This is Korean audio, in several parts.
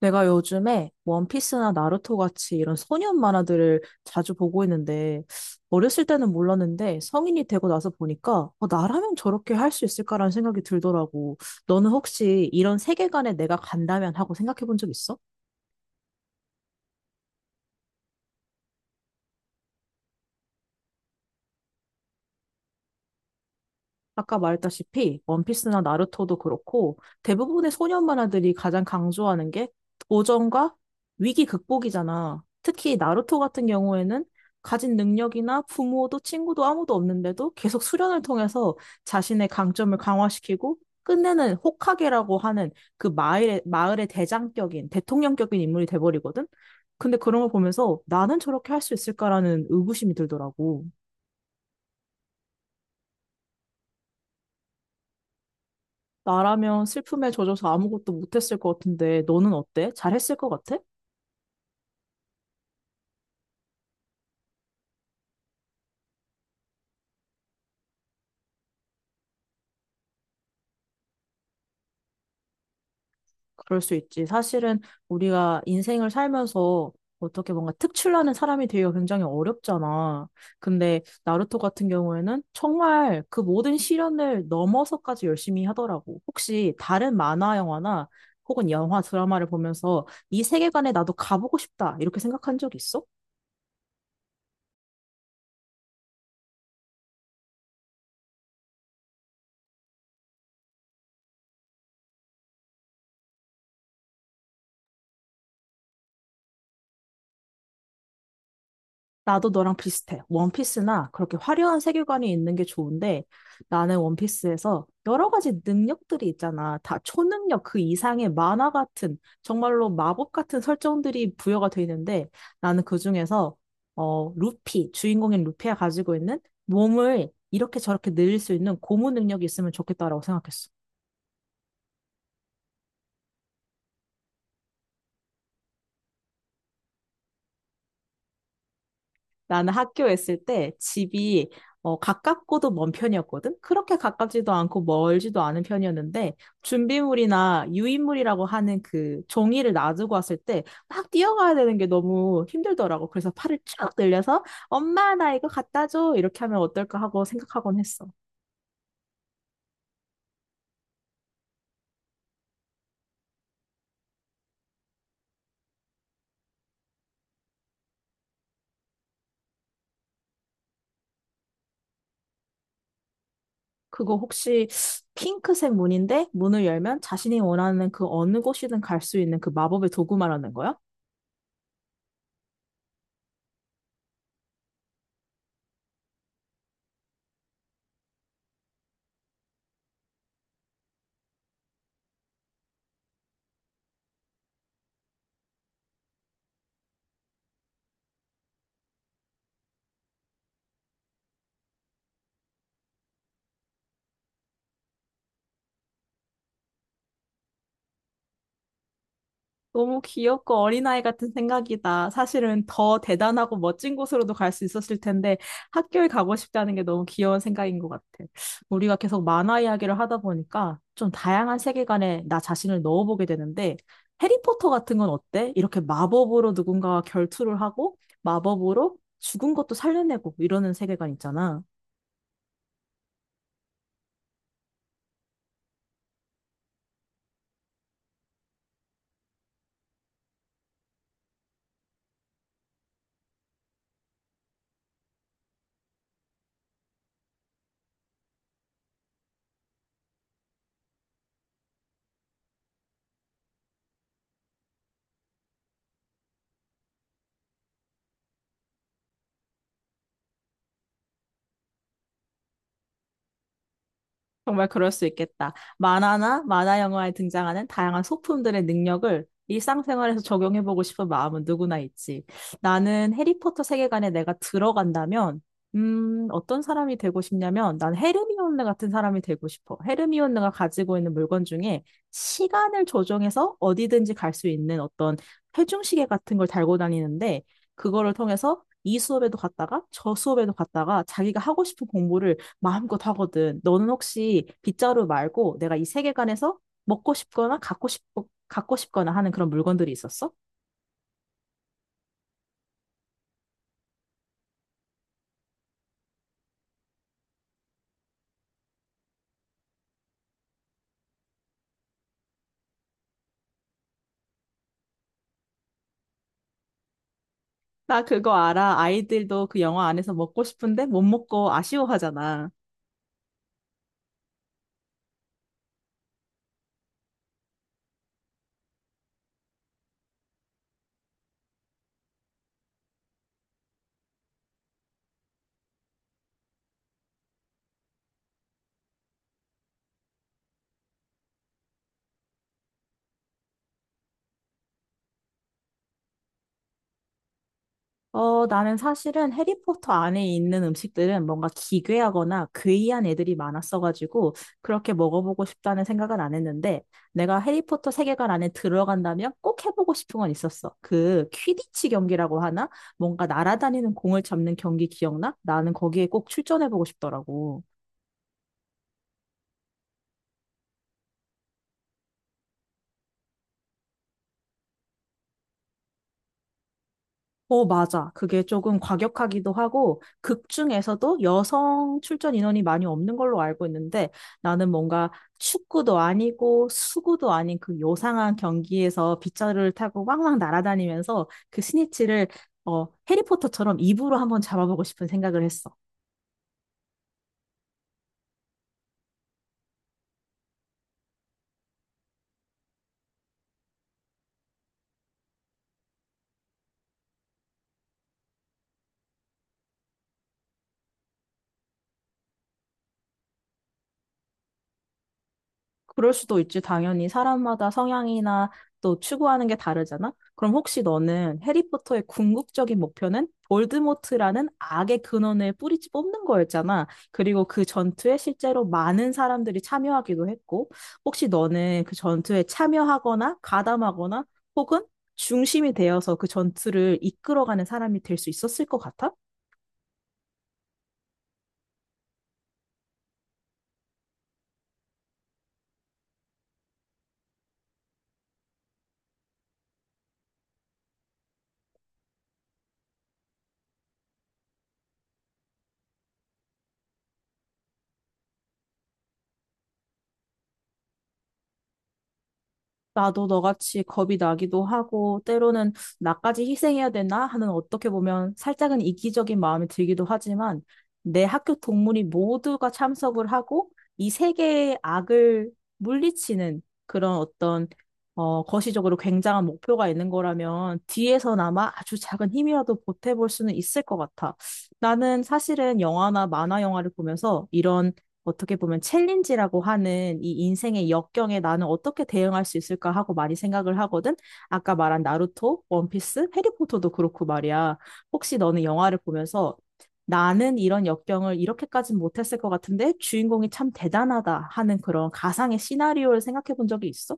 내가 요즘에 원피스나 나루토 같이 이런 소년 만화들을 자주 보고 있는데, 어렸을 때는 몰랐는데, 성인이 되고 나서 보니까, 나라면 저렇게 할 수 있을까라는 생각이 들더라고. 너는 혹시 이런 세계관에 내가 간다면 하고 생각해 본 적 있어? 아까 말했다시피 원피스나 나루토도 그렇고 대부분의 소년 만화들이 가장 강조하는 게 도전과 위기 극복이잖아. 특히 나루토 같은 경우에는 가진 능력이나 부모도 친구도 아무도 없는데도 계속 수련을 통해서 자신의 강점을 강화시키고 끝내는 호카게라고 하는 그 마을의 대장격인 대통령격인 인물이 돼버리거든. 근데 그런 걸 보면서 나는 저렇게 할 수 있을까라는 의구심이 들더라고. 나라면 슬픔에 젖어서 아무것도 못했을 것 같은데, 너는 어때? 잘했을 것 같아? 그럴 수 있지. 사실은 우리가 인생을 살면서 어떻게 뭔가 특출나는 사람이 되기가 굉장히 어렵잖아. 근데 나루토 같은 경우에는 정말 그 모든 시련을 넘어서까지 열심히 하더라고. 혹시 다른 만화 영화나 혹은 영화 드라마를 보면서 이 세계관에 나도 가보고 싶다. 이렇게 생각한 적 있어? 나도 너랑 비슷해. 원피스나 그렇게 화려한 세계관이 있는 게 좋은데 나는 원피스에서 여러 가지 능력들이 있잖아. 다 초능력 그 이상의 만화 같은 정말로 마법 같은 설정들이 부여가 돼 있는데 나는 그중에서 루피, 주인공인 루피가 가지고 있는 몸을 이렇게 저렇게 늘릴 수 있는 고무 능력이 있으면 좋겠다라고 생각했어. 나는 학교에 있을 때 집이 가깝고도 먼 편이었거든? 그렇게 가깝지도 않고 멀지도 않은 편이었는데, 준비물이나 유인물이라고 하는 그 종이를 놔두고 왔을 때, 막 뛰어가야 되는 게 너무 힘들더라고. 그래서 팔을 쭉 늘려서, 엄마, 나 이거 갖다 줘. 이렇게 하면 어떨까 하고 생각하곤 했어. 그거 혹시 핑크색 문인데, 문을 열면 자신이 원하는 그 어느 곳이든 갈 수 있는 그 마법의 도구 말하는 거야? 너무 귀엽고 어린아이 같은 생각이다. 사실은 더 대단하고 멋진 곳으로도 갈 수 있었을 텐데 학교에 가고 싶다는 게 너무 귀여운 생각인 것 같아. 우리가 계속 만화 이야기를 하다 보니까 좀 다양한 세계관에 나 자신을 넣어보게 되는데 해리포터 같은 건 어때? 이렇게 마법으로 누군가와 결투를 하고 마법으로 죽은 것도 살려내고 이러는 세계관 있잖아. 정말 그럴 수 있겠다. 만화나 만화 영화에 등장하는 다양한 소품들의 능력을 일상생활에서 적용해보고 싶은 마음은 누구나 있지. 나는 해리포터 세계관에 내가 들어간다면, 어떤 사람이 되고 싶냐면, 난 헤르미온느 같은 사람이 되고 싶어. 헤르미온느가 가지고 있는 물건 중에 시간을 조정해서 어디든지 갈 수 있는 어떤 회중시계 같은 걸 달고 다니는데, 그거를 통해서 이 수업에도 갔다가 저 수업에도 갔다가 자기가 하고 싶은 공부를 마음껏 하거든. 너는 혹시 빗자루 말고 내가 이 세계관에서 먹고 싶거나 갖고 싶, 갖고 싶거나 하는 그런 물건들이 있었어? 나 그거 알아. 아이들도 그 영화 안에서 먹고 싶은데 못 먹고 아쉬워하잖아. 나는 사실은 해리포터 안에 있는 음식들은 뭔가 기괴하거나 괴이한 애들이 많았어가지고 그렇게 먹어보고 싶다는 생각은 안 했는데 내가 해리포터 세계관 안에 들어간다면 꼭 해보고 싶은 건 있었어. 그 퀴디치 경기라고 하나? 뭔가 날아다니는 공을 잡는 경기 기억나? 나는 거기에 꼭 출전해보고 싶더라고. 어, 맞아. 그게 조금 과격하기도 하고, 극 중에서도 여성 출전 인원이 많이 없는 걸로 알고 있는데, 나는 뭔가 축구도 아니고, 수구도 아닌 그 요상한 경기에서 빗자루를 타고 왕왕 날아다니면서 그 스니치를, 해리포터처럼 입으로 한번 잡아보고 싶은 생각을 했어. 그럴 수도 있지. 당연히 사람마다 성향이나 또 추구하는 게 다르잖아. 그럼 혹시 너는 해리포터의 궁극적인 목표는 볼드모트라는 악의 근원을 뿌리째 뽑는 거였잖아. 그리고 그 전투에 실제로 많은 사람들이 참여하기도 했고, 혹시 너는 그 전투에 참여하거나 가담하거나 혹은 중심이 되어서 그 전투를 이끌어가는 사람이 될 수 있었을 것 같아? 나도 너같이 겁이 나기도 하고, 때로는 나까지 희생해야 되나 하는 어떻게 보면 살짝은 이기적인 마음이 들기도 하지만, 내 학교 동문이 모두가 참석을 하고, 이 세계의 악을 물리치는 그런 거시적으로 굉장한 목표가 있는 거라면, 뒤에서나마 아주 작은 힘이라도 보태볼 수는 있을 것 같아. 나는 사실은 영화나 만화 영화를 보면서 이런 어떻게 보면 챌린지라고 하는 이 인생의 역경에 나는 어떻게 대응할 수 있을까 하고 많이 생각을 하거든. 아까 말한 나루토, 원피스, 해리포터도 그렇고 말이야. 혹시 너는 영화를 보면서 나는 이런 역경을 이렇게까진 못했을 것 같은데 주인공이 참 대단하다 하는 그런 가상의 시나리오를 생각해 본 적이 있어?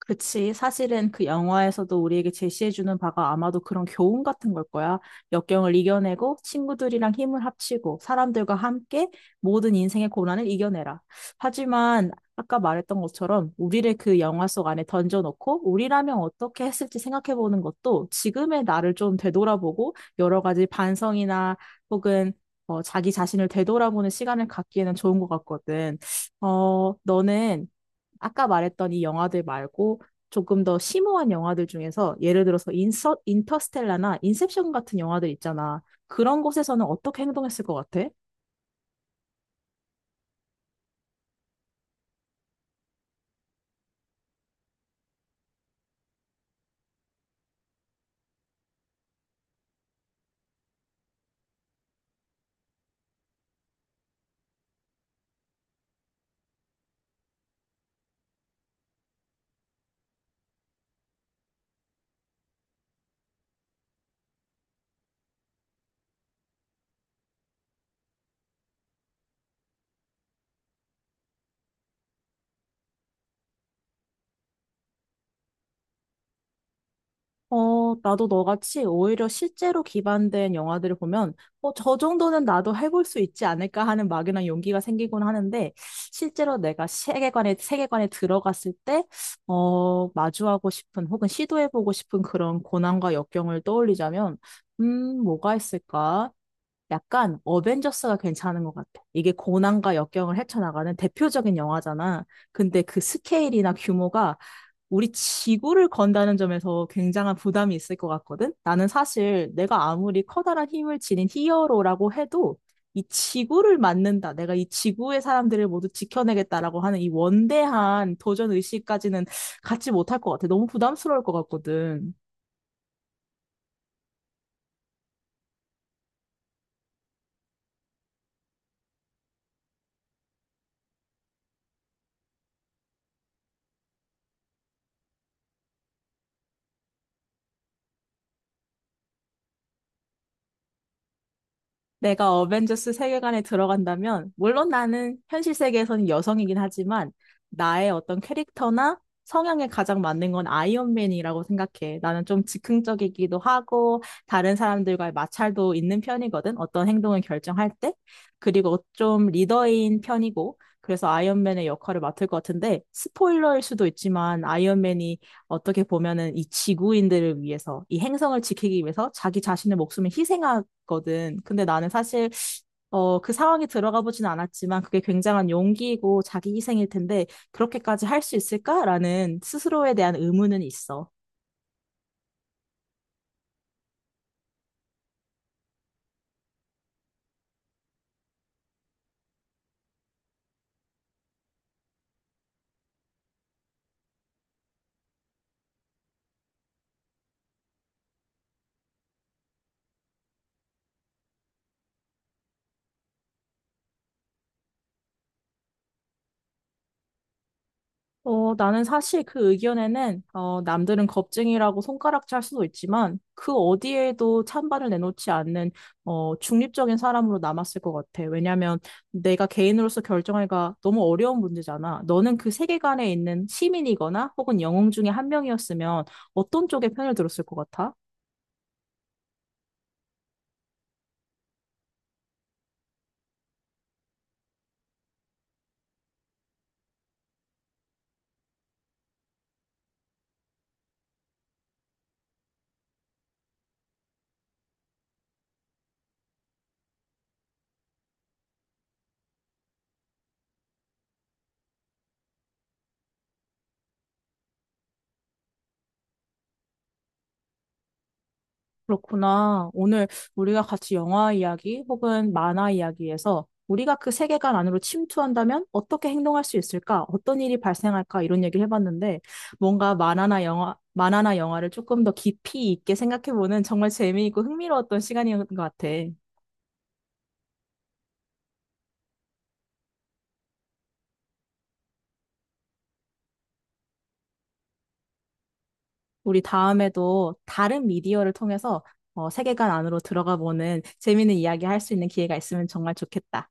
그치. 사실은 그 영화에서도 우리에게 제시해주는 바가 아마도 그런 교훈 같은 걸 거야. 역경을 이겨내고 친구들이랑 힘을 합치고 사람들과 함께 모든 인생의 고난을 이겨내라. 하지만 아까 말했던 것처럼 우리를 그 영화 속 안에 던져놓고 우리라면 어떻게 했을지 생각해보는 것도 지금의 나를 좀 되돌아보고 여러 가지 반성이나 혹은 자기 자신을 되돌아보는 시간을 갖기에는 좋은 것 같거든. 너는 아까 말했던 이 영화들 말고 조금 더 심오한 영화들 중에서 예를 들어서 인터스텔라나 인셉션 같은 영화들 있잖아. 그런 곳에서는 어떻게 행동했을 것 같아? 나도 너같이 오히려 실제로 기반된 영화들을 보면, 저 정도는 나도 해볼 수 있지 않을까 하는 막연한 용기가 생기곤 하는데, 실제로 내가 세계관에 들어갔을 때, 마주하고 싶은 혹은 시도해보고 싶은 그런 고난과 역경을 떠올리자면, 뭐가 있을까? 약간 어벤져스가 괜찮은 것 같아. 이게 고난과 역경을 헤쳐나가는 대표적인 영화잖아. 근데 그 스케일이나 규모가 우리 지구를 건다는 점에서 굉장한 부담이 있을 것 같거든? 나는 사실 내가 아무리 커다란 힘을 지닌 히어로라고 해도 이 지구를 맞는다 내가 이 지구의 사람들을 모두 지켜내겠다라고 하는 이 원대한 도전 의식까지는 갖지 못할 것 같아. 너무 부담스러울 것 같거든. 내가 어벤져스 세계관에 들어간다면, 물론 나는 현실 세계에서는 여성이긴 하지만, 나의 어떤 캐릭터나 성향에 가장 맞는 건 아이언맨이라고 생각해. 나는 좀 즉흥적이기도 하고, 다른 사람들과의 마찰도 있는 편이거든. 어떤 행동을 결정할 때. 그리고 좀 리더인 편이고, 그래서 아이언맨의 역할을 맡을 것 같은데, 스포일러일 수도 있지만, 아이언맨이 어떻게 보면은 이 지구인들을 위해서, 이 행성을 지키기 위해서 자기 자신의 목숨을 희생하, 거든. 근데 나는 사실 그 상황에 들어가 보진 않았지만 그게 굉장한 용기이고 자기 희생일 텐데 그렇게까지 할 수 있을까라는 스스로에 대한 의문은 있어. 나는 사실 그 의견에는 남들은 겁쟁이라고 손가락질할 수도 있지만 그 어디에도 찬반을 내놓지 않는 중립적인 사람으로 남았을 것 같아. 왜냐하면 내가 개인으로서 결정하기가 너무 어려운 문제잖아. 너는 그 세계관에 있는 시민이거나 혹은 영웅 중에 한 명이었으면 어떤 쪽의 편을 들었을 것 같아? 그렇구나. 오늘 우리가 같이 영화 이야기 혹은 만화 이야기에서 우리가 그 세계관 안으로 침투한다면 어떻게 행동할 수 있을까? 어떤 일이 발생할까? 이런 얘기를 해봤는데 뭔가 만화나 영화를 조금 더 깊이 있게 생각해보는 정말 재미있고 흥미로웠던 시간이었던 것 같아. 우리 다음에도 다른 미디어를 통해서 세계관 안으로 들어가 보는 재미있는 이야기 할 수 있는 기회가 있으면 정말 좋겠다.